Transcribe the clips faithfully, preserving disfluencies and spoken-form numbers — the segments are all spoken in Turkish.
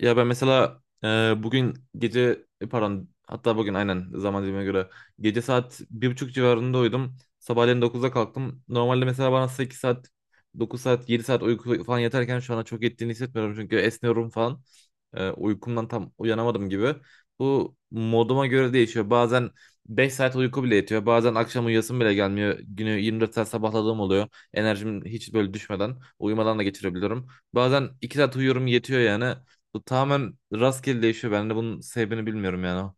Ya ben mesela e, bugün gece e, pardon hatta bugün aynen zaman dilimine göre gece saat bir buçuk civarında uyudum. Sabahleyin dokuzda kalktım. Normalde mesela bana sekiz saat dokuz saat yedi saat uyku falan yeterken şu anda çok ettiğini hissetmiyorum çünkü esniyorum falan. E, uykumdan tam uyanamadım gibi. Bu moduma göre değişiyor. Bazen beş saat uyku bile yetiyor. Bazen akşam uyuyasım bile gelmiyor. Günü yirmi dört saat sabahladığım oluyor. Enerjim hiç böyle düşmeden, uyumadan da geçirebiliyorum. Bazen iki saat uyuyorum yetiyor yani. Bu tamamen rastgele değişiyor. Ben de bunun sebebini bilmiyorum yani.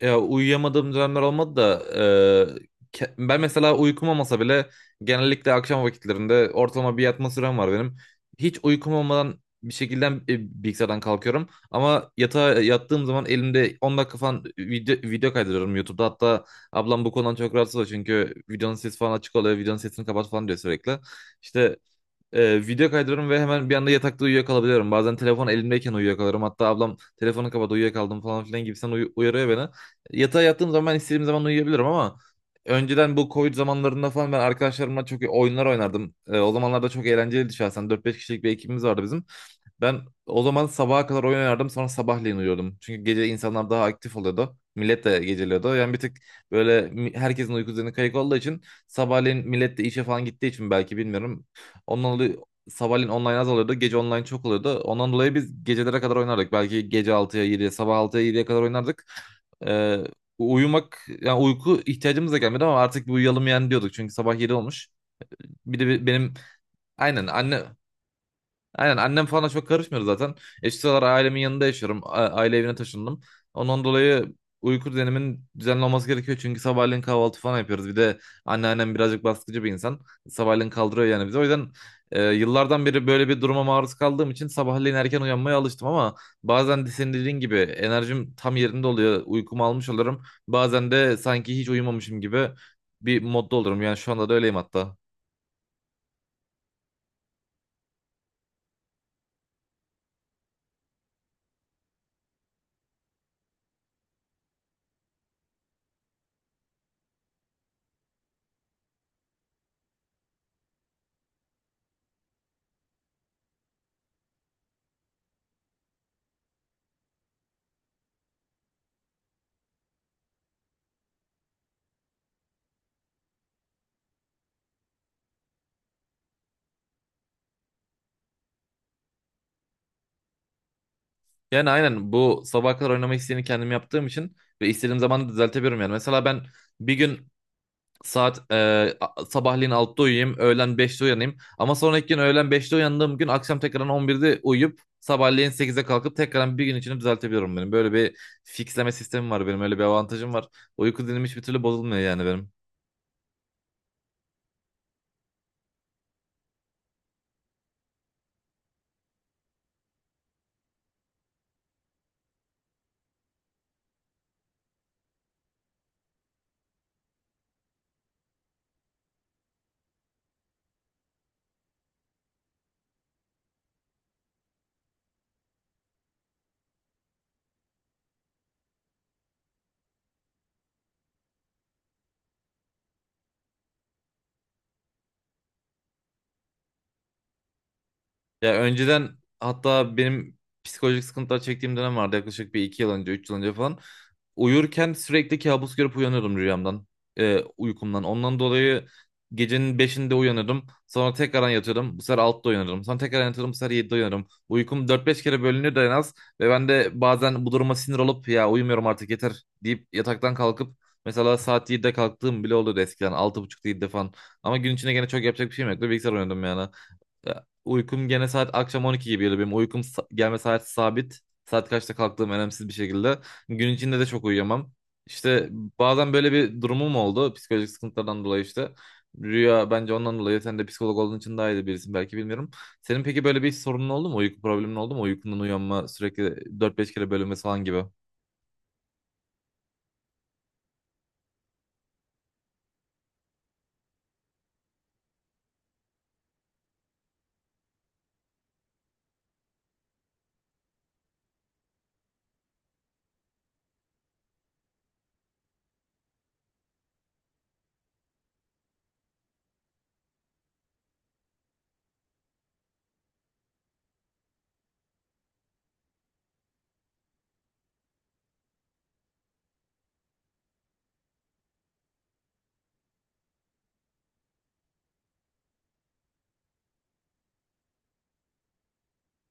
Ya uyuyamadığım dönemler olmadı da e, ke- ben mesela uykum olmasa bile genellikle akşam vakitlerinde ortalama bir yatma sürem var benim. Hiç uykum olmadan bir şekilde e, bilgisayardan kalkıyorum ama yatağa yattığım zaman elimde on dakika falan video, video kaydırıyorum YouTube'da. Hatta ablam bu konudan çok rahatsız oluyor çünkü videonun sesi falan açık oluyor, videonun sesini kapat falan diyor sürekli. İşte ee, video kaydırıyorum ve hemen bir anda yatakta uyuyakalabiliyorum. Bazen telefon elimdeyken uyuyakalıyorum. Hatta ablam telefonu kapat uyuyakaldım falan filan gibisinden uy- uyarıyor beni. Yatağa yattığım zaman ben istediğim zaman uyuyabilirim ama önceden bu Covid zamanlarında falan ben arkadaşlarımla çok oyunlar oynardım. Ee, o zamanlarda çok eğlenceliydi şahsen. Dört beş kişilik bir ekibimiz vardı bizim. Ben o zaman sabaha kadar oyun oynardım sonra sabahleyin uyuyordum. Çünkü gece insanlar daha aktif oluyordu. Millet de geceliyordu. Yani bir tık böyle mi- herkesin uyku düzeni kayık olduğu için sabahleyin millet de işe falan gittiği için belki bilmiyorum. Ondan dolayı sabahleyin online az oluyordu. Gece online çok oluyordu. Ondan dolayı biz gecelere kadar oynardık. Belki gece altıya yediye, sabah altıya yediye kadar oynardık. Ee, Uyumak yani uyku ihtiyacımız da gelmedi ama artık bir uyuyalım yani diyorduk. Çünkü sabah yedi olmuş. Bir de be- benim aynen anne Aynen annem falan çok karışmıyor zaten. E, şu sıralar ailemin yanında yaşıyorum. A- Aile evine taşındım. Ondan dolayı uyku düzenimin düzenli olması gerekiyor. Çünkü sabahleyin kahvaltı falan yapıyoruz. Bir de anneannem birazcık baskıcı bir insan. Sabahleyin kaldırıyor yani bizi. O yüzden e, yıllardan beri böyle bir duruma maruz kaldığım için sabahleyin erken uyanmaya alıştım ama bazen de senin dediğin gibi enerjim tam yerinde oluyor. Uykumu almış olurum. Bazen de sanki hiç uyumamışım gibi bir modda olurum. Yani şu anda da öyleyim hatta. Yani aynen bu sabaha kadar oynama isteğini kendim yaptığım için ve istediğim zaman da düzeltebiliyorum yani. Mesela ben bir gün saat e, a- sabahleyin altıda uyuyayım, öğlen beşte uyanayım ama sonraki gün öğlen beşte uyandığım gün akşam tekrardan on birde uyuyup sabahleyin sekize kalkıp tekrardan bir gün içinde düzeltebiliyorum benim. Böyle bir fixleme sistemim var benim, öyle bir avantajım var. Uyku dinim hiçbir türlü bozulmuyor yani benim. Ya önceden hatta benim psikolojik sıkıntılar çektiğim dönem vardı yaklaşık bir iki yıl önce, üç yıl önce falan. Uyurken sürekli kabus görüp uyanıyordum rüyamdan, e, uykumdan. Ondan dolayı gecenin beşinde uyanırdım. Sonra tekrardan yatıyordum. Bu sefer altta uyanırdım. Sonra tekrar yatıyordum. Bu sefer yedide uyanırım. Uykum dört beş kere bölünüyordu en az. Ve ben de bazen bu duruma sinir olup ya uyumuyorum artık yeter deyip yataktan kalkıp mesela saat yedi'de kalktığım bile oluyordu eskiden. Altı buçukta yedide falan. Ama gün içinde gene çok yapacak bir şeyim yoktu. Bilgisayar oynuyordum yani. Ya, Uykum gene saat akşam on iki gibi geliyor benim. Uykum sa- gelme saati sabit. Saat kaçta kalktığım önemsiz bir şekilde. Gün içinde de çok uyuyamam. İşte bazen böyle bir durumum oldu. Psikolojik sıkıntılardan dolayı işte. Rüya bence ondan dolayı. Sen de psikolog olduğun için daha iyi de birisin belki bilmiyorum. Senin peki böyle bir sorunun oldu mu? Uyku problemin oldu mu? Uykundan uyanma sürekli dört beş kere bölünmesi falan gibi.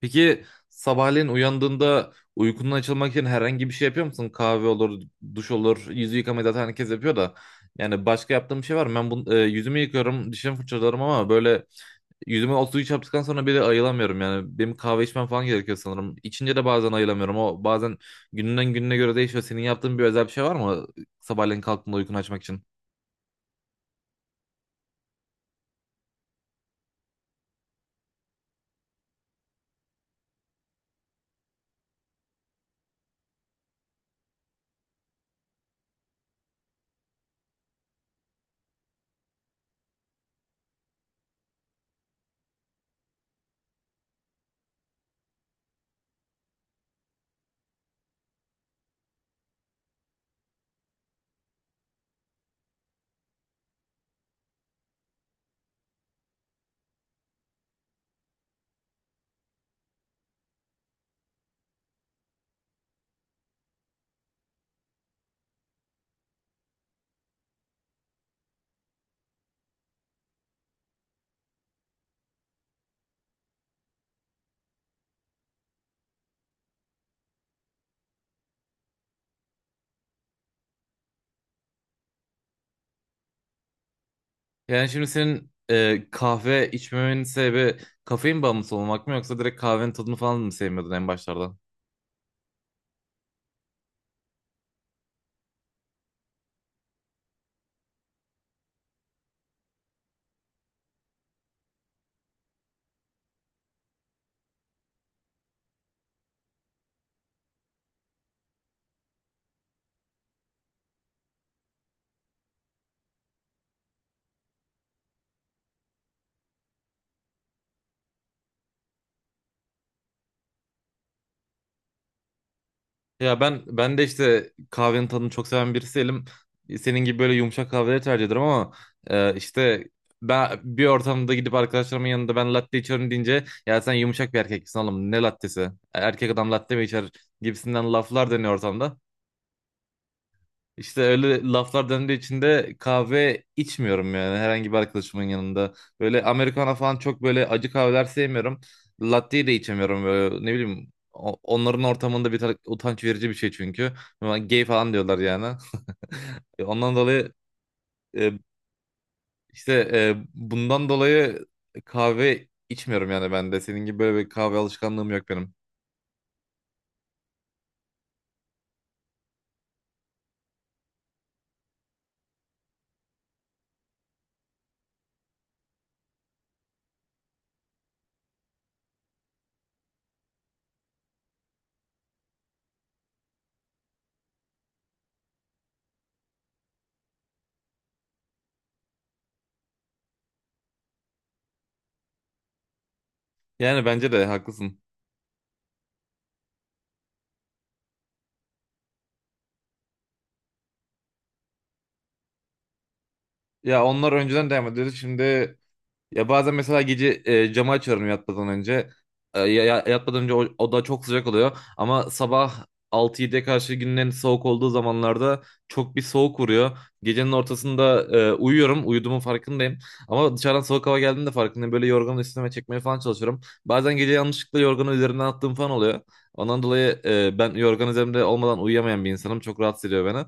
Peki sabahleyin uyandığında uykundan açılmak için herhangi bir şey yapıyor musun? Kahve olur, duş olur, yüzü yıkamayı zaten herkes yapıyor da. Yani başka yaptığım bir şey var mı? Ben bunu, e, yüzümü yıkıyorum, dişimi fırçalarım ama böyle yüzüme o suyu çarptıktan sonra bir de ayılamıyorum yani. Benim kahve içmem falan gerekiyor sanırım. İçince de bazen ayılamıyorum. O bazen gününden gününe göre değişiyor. Senin yaptığın bir özel bir şey var mı sabahleyin kalktığında uykunu açmak için? Yani şimdi senin e, kahve içmemenin sebebi kafein bağımlısı olmak mı yoksa direkt kahvenin tadını falan mı sevmiyordun en başlarda? Ya ben ben de işte kahvenin tadını çok seven birisiyim. Senin gibi böyle yumuşak kahveleri tercih ederim ama e, işte ben bir ortamda gidip arkadaşlarımın yanında ben latte içiyorum deyince ya sen yumuşak bir erkeksin oğlum ne lattesi? Erkek adam latte mi içer gibisinden laflar dönüyor ortamda. İşte öyle laflar döndüğü için de kahve içmiyorum yani herhangi bir arkadaşımın yanında. Böyle Americano falan çok böyle acı kahveler sevmiyorum. Latte de içemiyorum böyle ne bileyim. o- Onların ortamında bir tar- utanç verici bir şey çünkü. Ama gay falan diyorlar yani. Ondan dolayı e, işte e, bundan dolayı kahve içmiyorum yani ben de. Senin gibi böyle bir kahve alışkanlığım yok benim. Yani bence de haklısın. Ya onlar önceden devam ediyordu. Şimdi Ya bazen mesela gece e, camı açıyorum yatmadan önce. E, ya, ya- yatmadan önce o- oda çok sıcak oluyor. Ama sabah altı yediye karşı günün en soğuk olduğu zamanlarda çok bir soğuk vuruyor. Gecenin ortasında e, uyuyorum. Uyuduğumun farkındayım. Ama dışarıdan soğuk hava geldiğinde farkındayım. Böyle yorganı üstüme çekmeye falan çalışıyorum. Bazen gece yanlışlıkla yorganı üzerinden attığım falan oluyor. Ondan dolayı e, ben yorgan üzerimde olmadan uyuyamayan bir insanım. Çok rahatsız ediyor beni.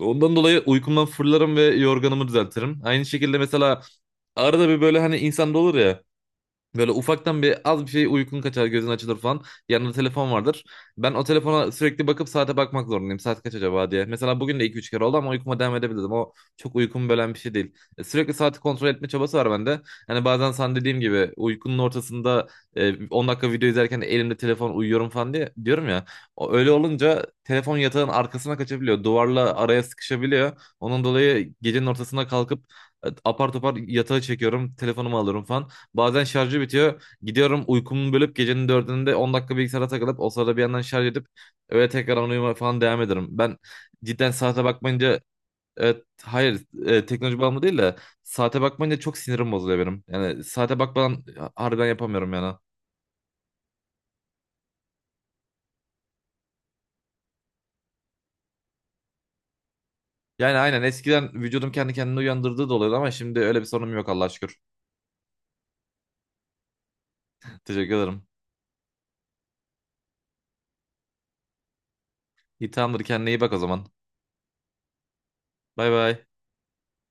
Ondan dolayı uykumdan fırlarım ve yorganımı düzeltirim. Aynı şekilde mesela arada bir böyle hani insanda olur ya, böyle ufaktan bir az bir şey uykun kaçar, gözün açılır falan. Yanında telefon vardır. Ben o telefona sürekli bakıp saate bakmak zorundayım. Saat kaç acaba diye. Mesela bugün de iki üç kere oldu ama uykuma devam edebildim. O çok uykumu bölen bir şey değil. E, Sürekli saati kontrol etme çabası var bende. Hani bazen sen dediğim gibi uykunun ortasında e, on dakika video izlerken elimde telefon uyuyorum falan diye diyorum ya. O, öyle olunca telefon yatağın arkasına kaçabiliyor. Duvarla araya sıkışabiliyor. Onun dolayı gecenin ortasına kalkıp e, apar topar yatağa çekiyorum. Telefonumu alıyorum falan. Bazen şarjı bitiyor. Gidiyorum uykumu bölüp gecenin dördünde on dakika bilgisayara takılıp o sırada bir yandan şarj edip öyle tekrar uyuma falan devam ederim. Ben cidden saate bakmayınca evet, hayır e, teknoloji bağımlı değil de saate bakmayınca çok sinirim bozuluyor benim. Yani saate bakmadan harbiden yapamıyorum yani. Yani aynen eskiden vücudum kendi kendini uyandırdığı da oluyordu ama şimdi öyle bir sorunum yok Allah'a şükür. Teşekkür ederim. İyi tamamdır kendine iyi bak o zaman. Bay bay.